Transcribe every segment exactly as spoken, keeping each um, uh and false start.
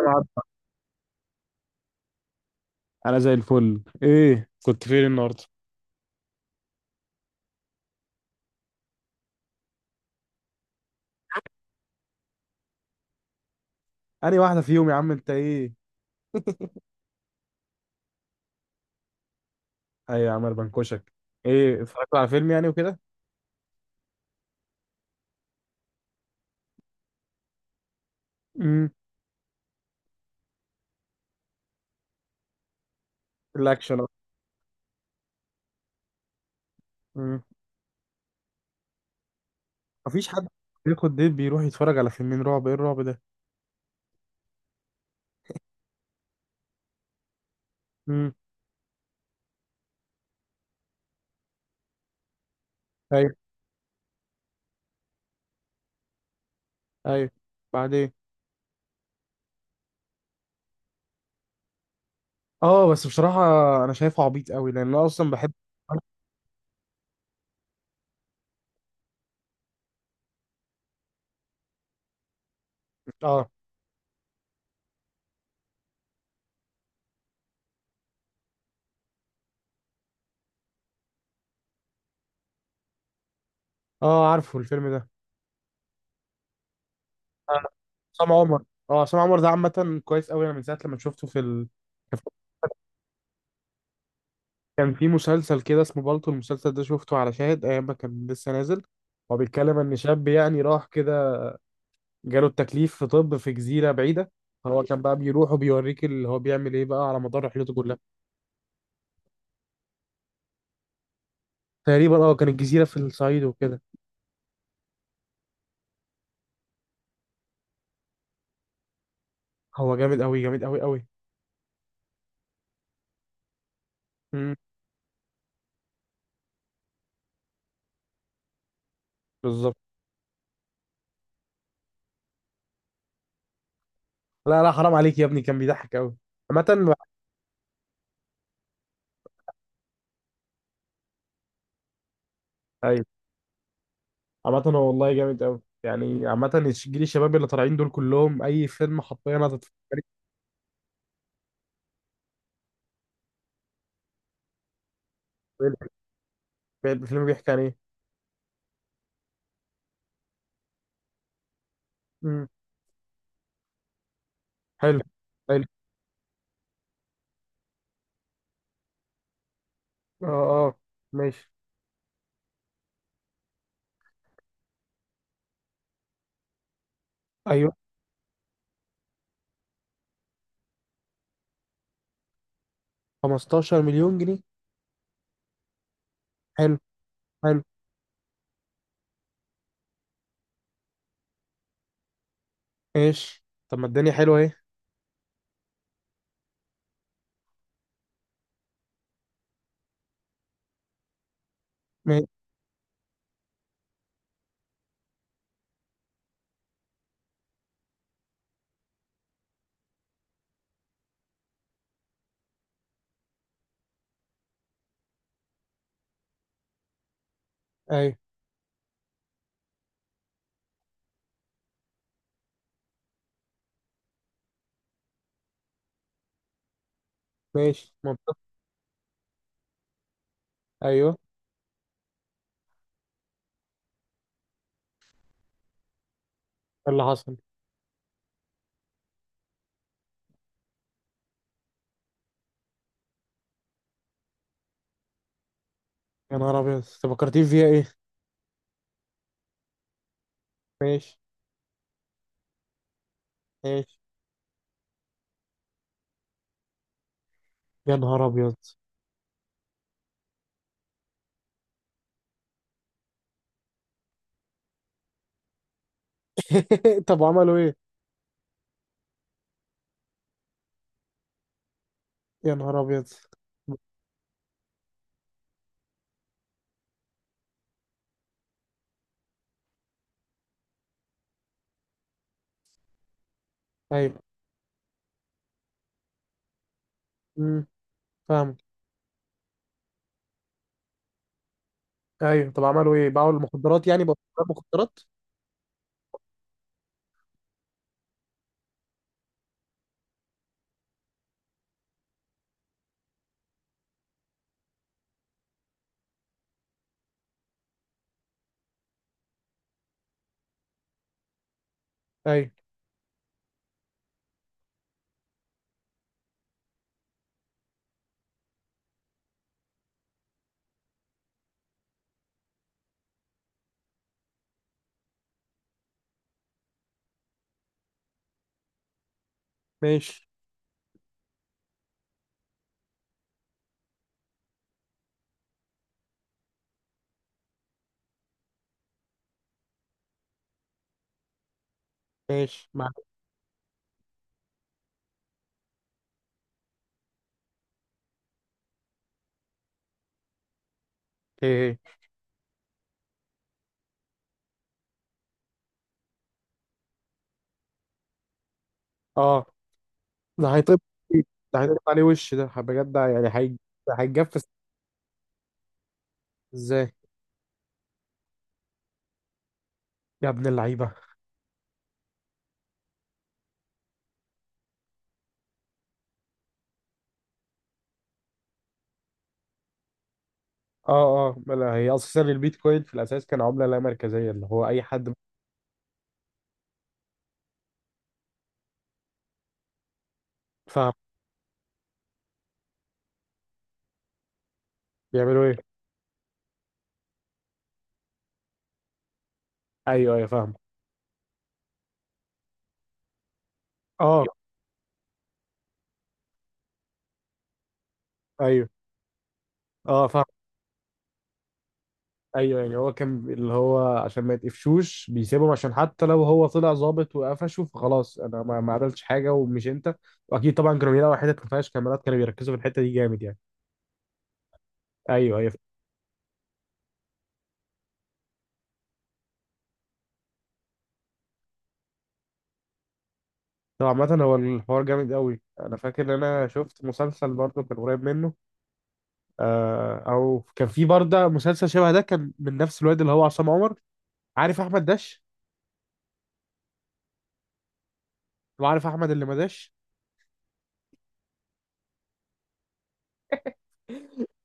العب. انا زي الفل. ايه كنت فين النهارده؟ انهي واحده فيهم يا عم انت؟ ايه؟ اي يا عم، أنا بنكشك. ايه اتفرجت على فيلم يعني وكده؟ امم الاكشن أهو. امم مفيش حد بياخد ديت بيروح يتفرج على فيلمين رعب، ايه الرعب ده؟ امم ايوه، ايوه، بعدين. اه بس بصراحه انا شايفه عبيط قوي، لان انا اصلا بحب. اه اه عارفه الفيلم ده. آه، عصام عمر. اه عصام عمر ده عامه كويس قوي، انا من ساعه لما شفته في ال... كان في مسلسل كده اسمه بالطو، المسلسل ده شفته على شاهد ايام ما كان لسه نازل. هو بيتكلم ان شاب يعني راح كده، جاله التكليف في طب في جزيره بعيده، هو كان بقى بيروح وبيوريك اللي هو بيعمل ايه بقى على مدار رحلته كلها. تقريبا اه كان الجزيره في الصعيد وكده. هو جامد قوي، جامد قوي قوي. امم بالظبط. لا لا حرام عليك يا ابني، كان بيضحك قوي. عامه. ايوه. عامه هو والله جامد قوي يعني. عامه الش- جيل الشباب اللي طالعين دول كلهم، اي فيلم حرفيا هتتفرج عليه. الفيلم بيحكي عن ايه؟ امم حلو. اه اه ماشي. ايوه. خمستاشر مليون جنيه؟ حلو. حلو. ماشي، طب ما الدنيا حلوه اهي. ماشي. ايوه. ماشي، منطقي. ايوه. إيه اللي حصل؟ يا نهار ابيض انت، فكرتين فيها ايه؟ ماشي. ماشي. يا نهار ابيض. طب عملوا ايه؟ يا نهار ابيض. ايوه. امم فاهم. ايوه طب عملوا ايه؟ باعوا المخدرات يعني؟ باعوا المخدرات؟ ايوه. ماشي. ماشي معاك. ايه ايه؟ اه ده هيطب. ده هيطب عليه وش ده بجد يعني هيج- هيتجفس. ازاي؟ يا ابن اللعيبة. اه. اه ما لا، هي اساسا البيتكوين في الاساس كان عملة لا مركزية، اللي هو اي حد. فاهم. بيعملوا ايه؟ ايوه ايوه فاهم. اه ايوه. اه فاهم. ايوه، يعني هو كان اللي هو عشان ما يتقفشوش بيسيبهم، عشان حتى لو هو طلع ظابط وقفشه فخلاص انا ما ما عملتش حاجة ومش انت. واكيد طبعا كانوا بيلاقوا حتت ما فيهاش كاميرات، كانوا بيركزوا في الحتة دي جامد يعني. ايوه ايوه. طبعا. عامة هو الحوار جامد قوي، انا فاكر ان انا شفت مسلسل برضه كان قريب منه. آه، او كان في برضه مسلسل شبه ده كان من نفس الواد اللي هو عصام عمر. عارف احمد داش؟ وعارف احمد اللي ما داش؟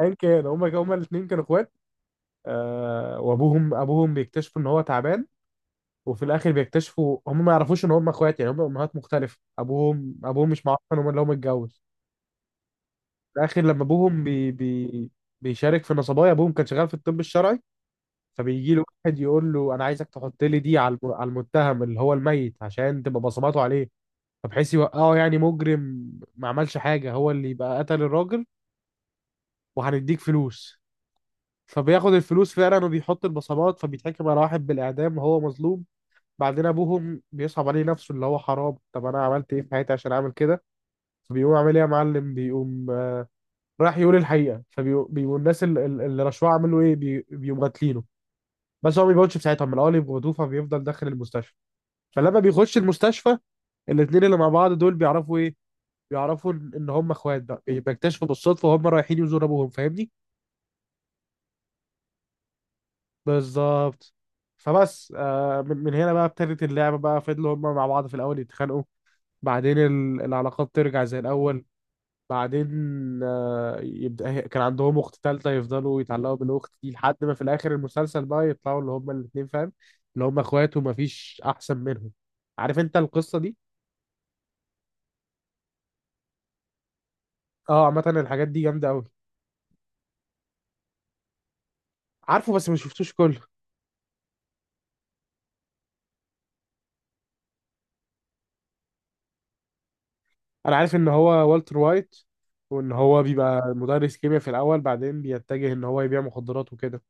ايا كان، هما هما الاثنين كانوا اخوات. آه، وابوهم، ابوهم بيكتشفوا ان هو تعبان. وفي الاخر بيكتشفوا هم ما يعرفوش ان هم اخوات، يعني هم امهات مختلفه، ابوهم ابوهم مش معروف ان هو اللي هو متجوز. في الاخر لما ابوهم بي بي بيشارك في نصبايا، ابوهم كان شغال في الطب الشرعي. فبيجي له واحد يقول له انا عايزك تحط لي دي على الم- على المتهم اللي هو الميت، عشان تبقى بصماته عليه، فبحيث يوقعه يعني مجرم ما عملش حاجة، هو اللي يبقى قتل الراجل، وهنديك فلوس. فبياخد الفلوس فعلا وبيحط البصمات، فبيتحكم على واحد بالإعدام وهو مظلوم. بعدين أبوهم بيصعب عليه نفسه، اللي هو حرام طب أنا عملت إيه في حياتي عشان أعمل كده. فبيقوم عامل إيه يا معلم؟ بيقوم آه، راح يقول الحقيقة، فبيقوم الناس ال- ال- اللي رشوه عملوا إيه؟ بي- بيقوم قاتلينه. بس هو ما بيموتش في ساعتها من الأول يبقى، فبيفضل داخل المستشفى. فلما بيخش المستشفى، الاتنين اللي مع بعض دول بيعرفوا إيه؟ بيعرفوا ان إن هم اخوات بقى، يعني بيكتشفوا بالصدفه وهم رايحين يزوروا ابوهم. فاهمني؟ بالظبط. فبس آه من من هنا بقى ابتدت اللعبه بقى، فضلوا هم مع بعض في الاول يتخانقوا، بعدين ال- العلاقات ترجع زي الاول. بعدين آه يبدا هي- كان عندهم اخت تالته، يفضلوا يتعلقوا بالاخت دي لحد ما في الاخر المسلسل بقى يطلعوا اللي هم الاثنين، فاهم؟ اللي هم اخوات ومفيش احسن منهم. عارف انت القصه دي؟ اه عامه الحاجات دي جامده قوي. عارفه بس ما شفتوش كله. انا عارف ان هو والتر وايت، وان هو بيبقى مدرس كيمياء في الاول، بعدين بيتجه ان هو يبيع مخدرات وكده.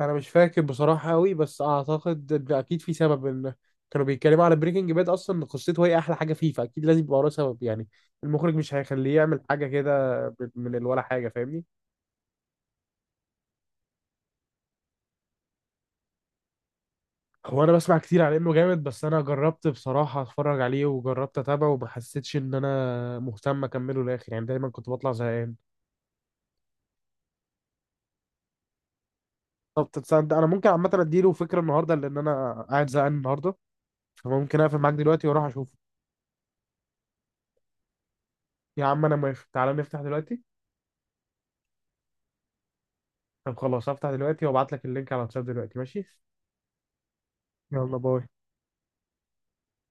انا مش فاكر بصراحه قوي، بس اعتقد ان اكيد في سبب. ان كانوا بيتكلموا على بريكنج باد اصلا إن قصته هي احلى حاجه فيه، فاكيد لازم يبقى وراه سبب يعني. المخرج مش هيخليه يعمل حاجه كده ب- من الولا حاجه، فاهمني؟ هو انا بسمع كتير على انه جامد، بس انا جربت بصراحه اتفرج عليه وجربت اتابعه وما حسيتش ان انا مهتم اكمله للاخر، يعني دايما كنت بطلع زهقان. طب تصدق انا ممكن عامه اديله فكره النهارده، لان انا قاعد زهقان النهارده، فممكن اقفل معاك دلوقتي واروح اشوفه. يا عم انا موافق، تعالى نفتح دلوقتي. طب خلاص هفتح دلوقتي، وابعت لك اللينك على الواتساب دلوقتي، ماشي؟ يلا باي.